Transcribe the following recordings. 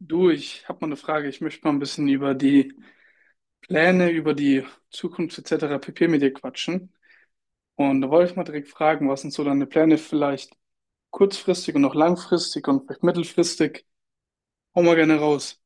Du, ich habe mal eine Frage. Ich möchte mal ein bisschen über die Pläne, über die Zukunft etc. pp. Mit dir quatschen. Und da wollte ich mal direkt fragen, was sind so deine Pläne vielleicht kurzfristig und auch langfristig und vielleicht mittelfristig? Hau mal gerne raus.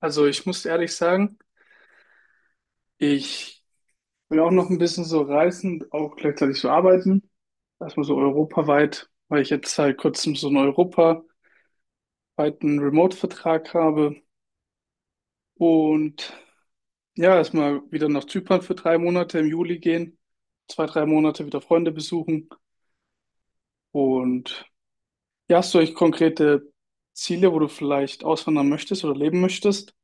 Also ich muss ehrlich sagen, ich will auch noch ein bisschen so reisen, auch gleichzeitig so arbeiten. Erstmal so europaweit, weil ich jetzt seit kurzem so einen europaweiten Remote-Vertrag habe. Und ja, erstmal wieder nach Zypern für 3 Monate im Juli gehen, 2, 3 Monate wieder Freunde besuchen. Und ja, hast du eigentlich konkrete Ziele, wo du vielleicht auswandern möchtest oder leben möchtest?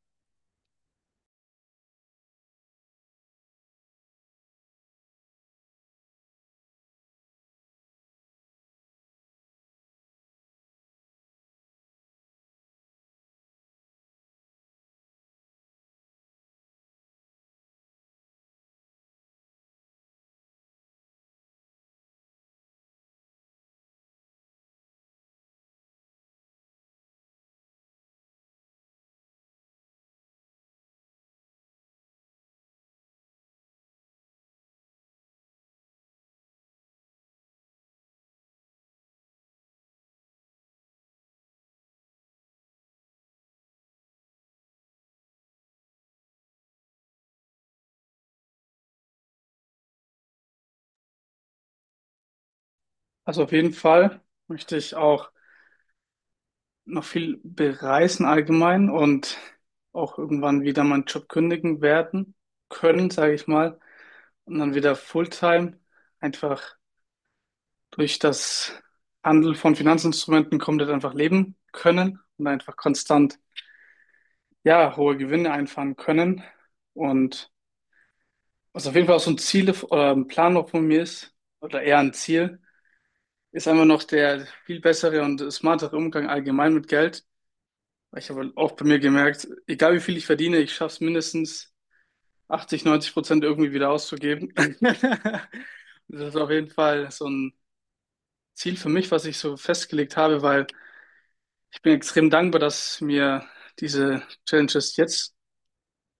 Also auf jeden Fall möchte ich auch noch viel bereisen allgemein und auch irgendwann wieder meinen Job kündigen werden können, sage ich mal. Und dann wieder Fulltime einfach durch das Handel von Finanzinstrumenten komplett einfach leben können und einfach konstant ja, hohe Gewinne einfahren können. Und was auf jeden Fall auch so ein Ziel oder ein Plan noch von mir ist, oder eher ein Ziel, ist einfach noch der viel bessere und smartere Umgang allgemein mit Geld. Weil ich habe auch bei mir gemerkt, egal wie viel ich verdiene, ich schaffe es mindestens 80, 90% irgendwie wieder auszugeben. Das ist auf jeden Fall so ein Ziel für mich, was ich so festgelegt habe, weil ich bin extrem dankbar, dass mir diese Challenges jetzt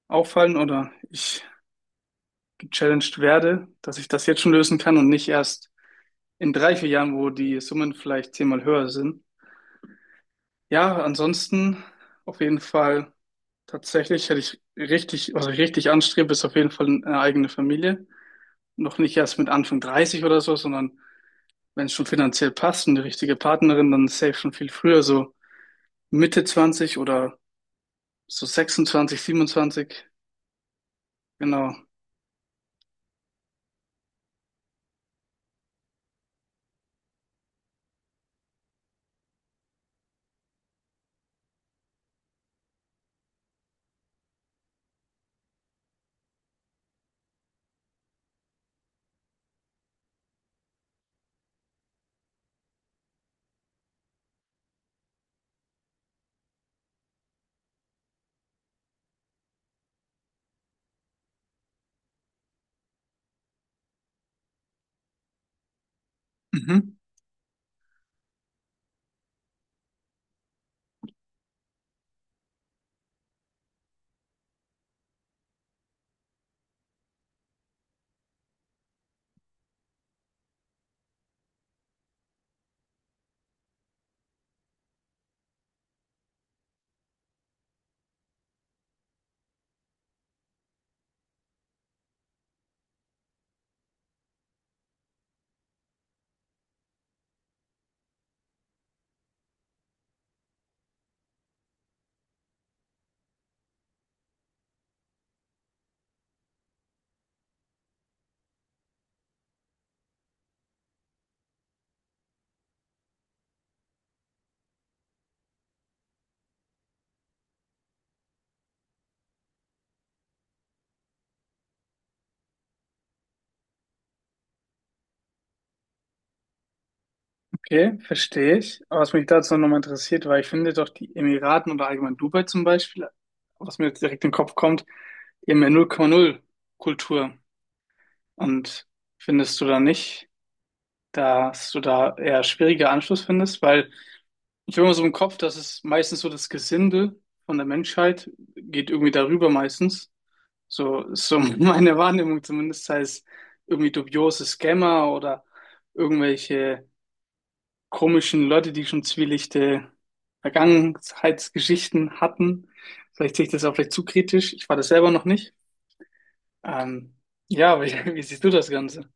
auffallen oder ich gechallenged werde, dass ich das jetzt schon lösen kann und nicht erst in 3, 4 Jahren, wo die Summen vielleicht 10-mal höher sind. Ja, ansonsten auf jeden Fall tatsächlich hätte ich richtig, was ich richtig anstrebe, ist auf jeden Fall eine eigene Familie. Noch nicht erst mit Anfang 30 oder so, sondern wenn es schon finanziell passt und die richtige Partnerin, dann safe schon viel früher, so Mitte 20 oder so 26, 27, genau. Mhm. Okay, verstehe ich. Aber was mich dazu nochmal interessiert, weil ich finde doch die Emiraten oder allgemein Dubai zum Beispiel, was mir jetzt direkt in den Kopf kommt, die haben ja null Komma null Kultur. Und findest du da nicht, dass du da eher schwieriger Anschluss findest? Weil ich habe immer so im Kopf, dass es meistens so das Gesinde von der Menschheit geht irgendwie darüber meistens. So ist so meine Wahrnehmung zumindest, sei es irgendwie dubiose Scammer oder irgendwelche komischen Leute, die schon zwielichte Vergangenheitsgeschichten hatten. Vielleicht sehe ich das auch vielleicht zu kritisch. Ich war das selber noch nicht. Ähm, ja, aber wie siehst du das Ganze?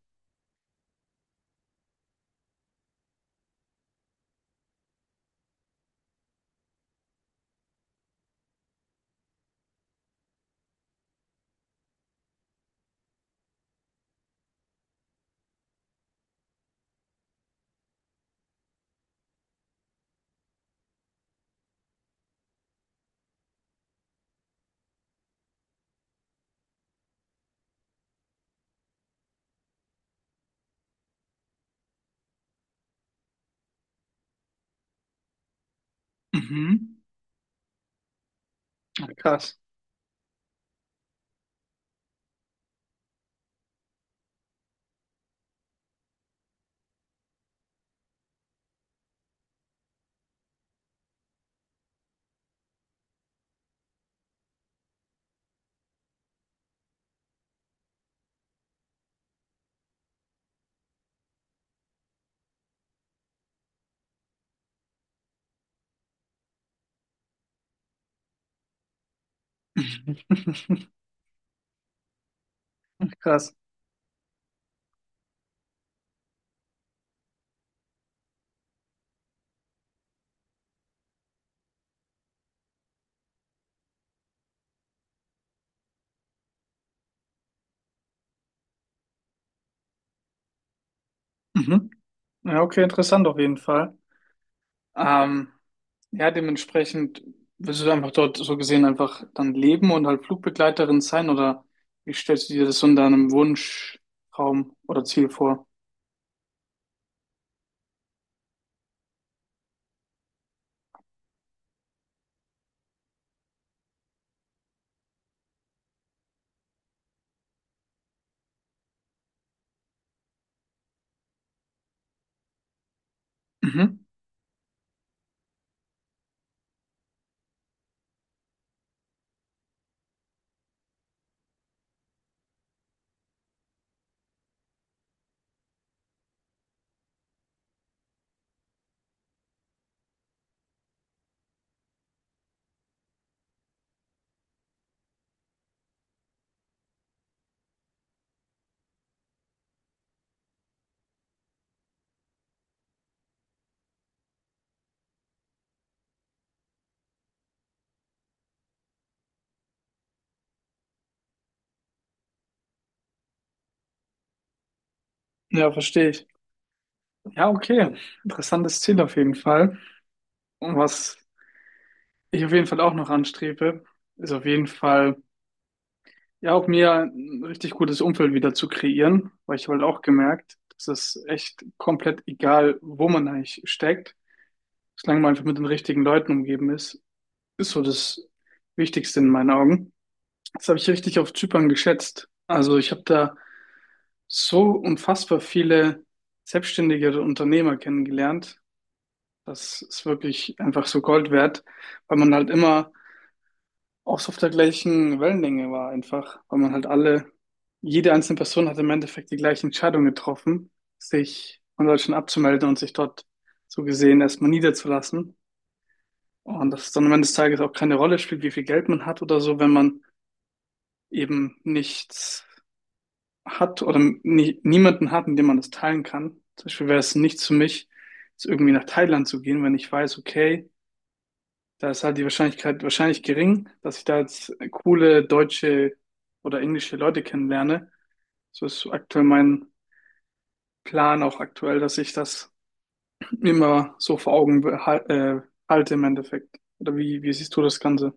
Mhm. Ach, krass. Krass. Mhm. Ja, okay, interessant auf jeden Fall. Ähm, ja, dementsprechend willst du einfach dort so gesehen einfach dann leben und halt Flugbegleiterin sein oder wie stellst du dir das so in deinem Wunschtraum oder Ziel vor? Mhm. Ja, verstehe ich. Ja, okay. Interessantes Ziel auf jeden Fall. Und was ich auf jeden Fall auch noch anstrebe, ist auf jeden Fall, ja, auch mir ein richtig gutes Umfeld wieder zu kreieren, weil ich habe halt auch gemerkt, dass es echt komplett egal, wo man eigentlich steckt, solange man einfach mit den richtigen Leuten umgeben ist, ist so das Wichtigste in meinen Augen. Das habe ich richtig auf Zypern geschätzt. Also ich habe da so unfassbar viele selbstständige Unternehmer kennengelernt, das ist wirklich einfach so Gold wert, weil man halt immer auch so auf der gleichen Wellenlänge war einfach, weil man halt alle, jede einzelne Person hat im Endeffekt die gleiche Entscheidung getroffen, sich von Deutschland abzumelden und sich dort so gesehen erstmal niederzulassen. Und dass es dann am Ende des Tages auch keine Rolle spielt, wie viel Geld man hat oder so, wenn man eben nichts hat oder nie, niemanden hat, mit dem man das teilen kann. Zum Beispiel wäre es nichts für mich, jetzt irgendwie nach Thailand zu gehen, wenn ich weiß, okay, da ist halt die Wahrscheinlichkeit wahrscheinlich gering, dass ich da jetzt coole deutsche oder englische Leute kennenlerne. So ist aktuell mein Plan auch aktuell, dass ich das immer so vor Augen halte im Endeffekt. Oder wie siehst du das Ganze?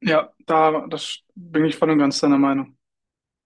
Ja, da das bin ich voll und ganz deiner Meinung.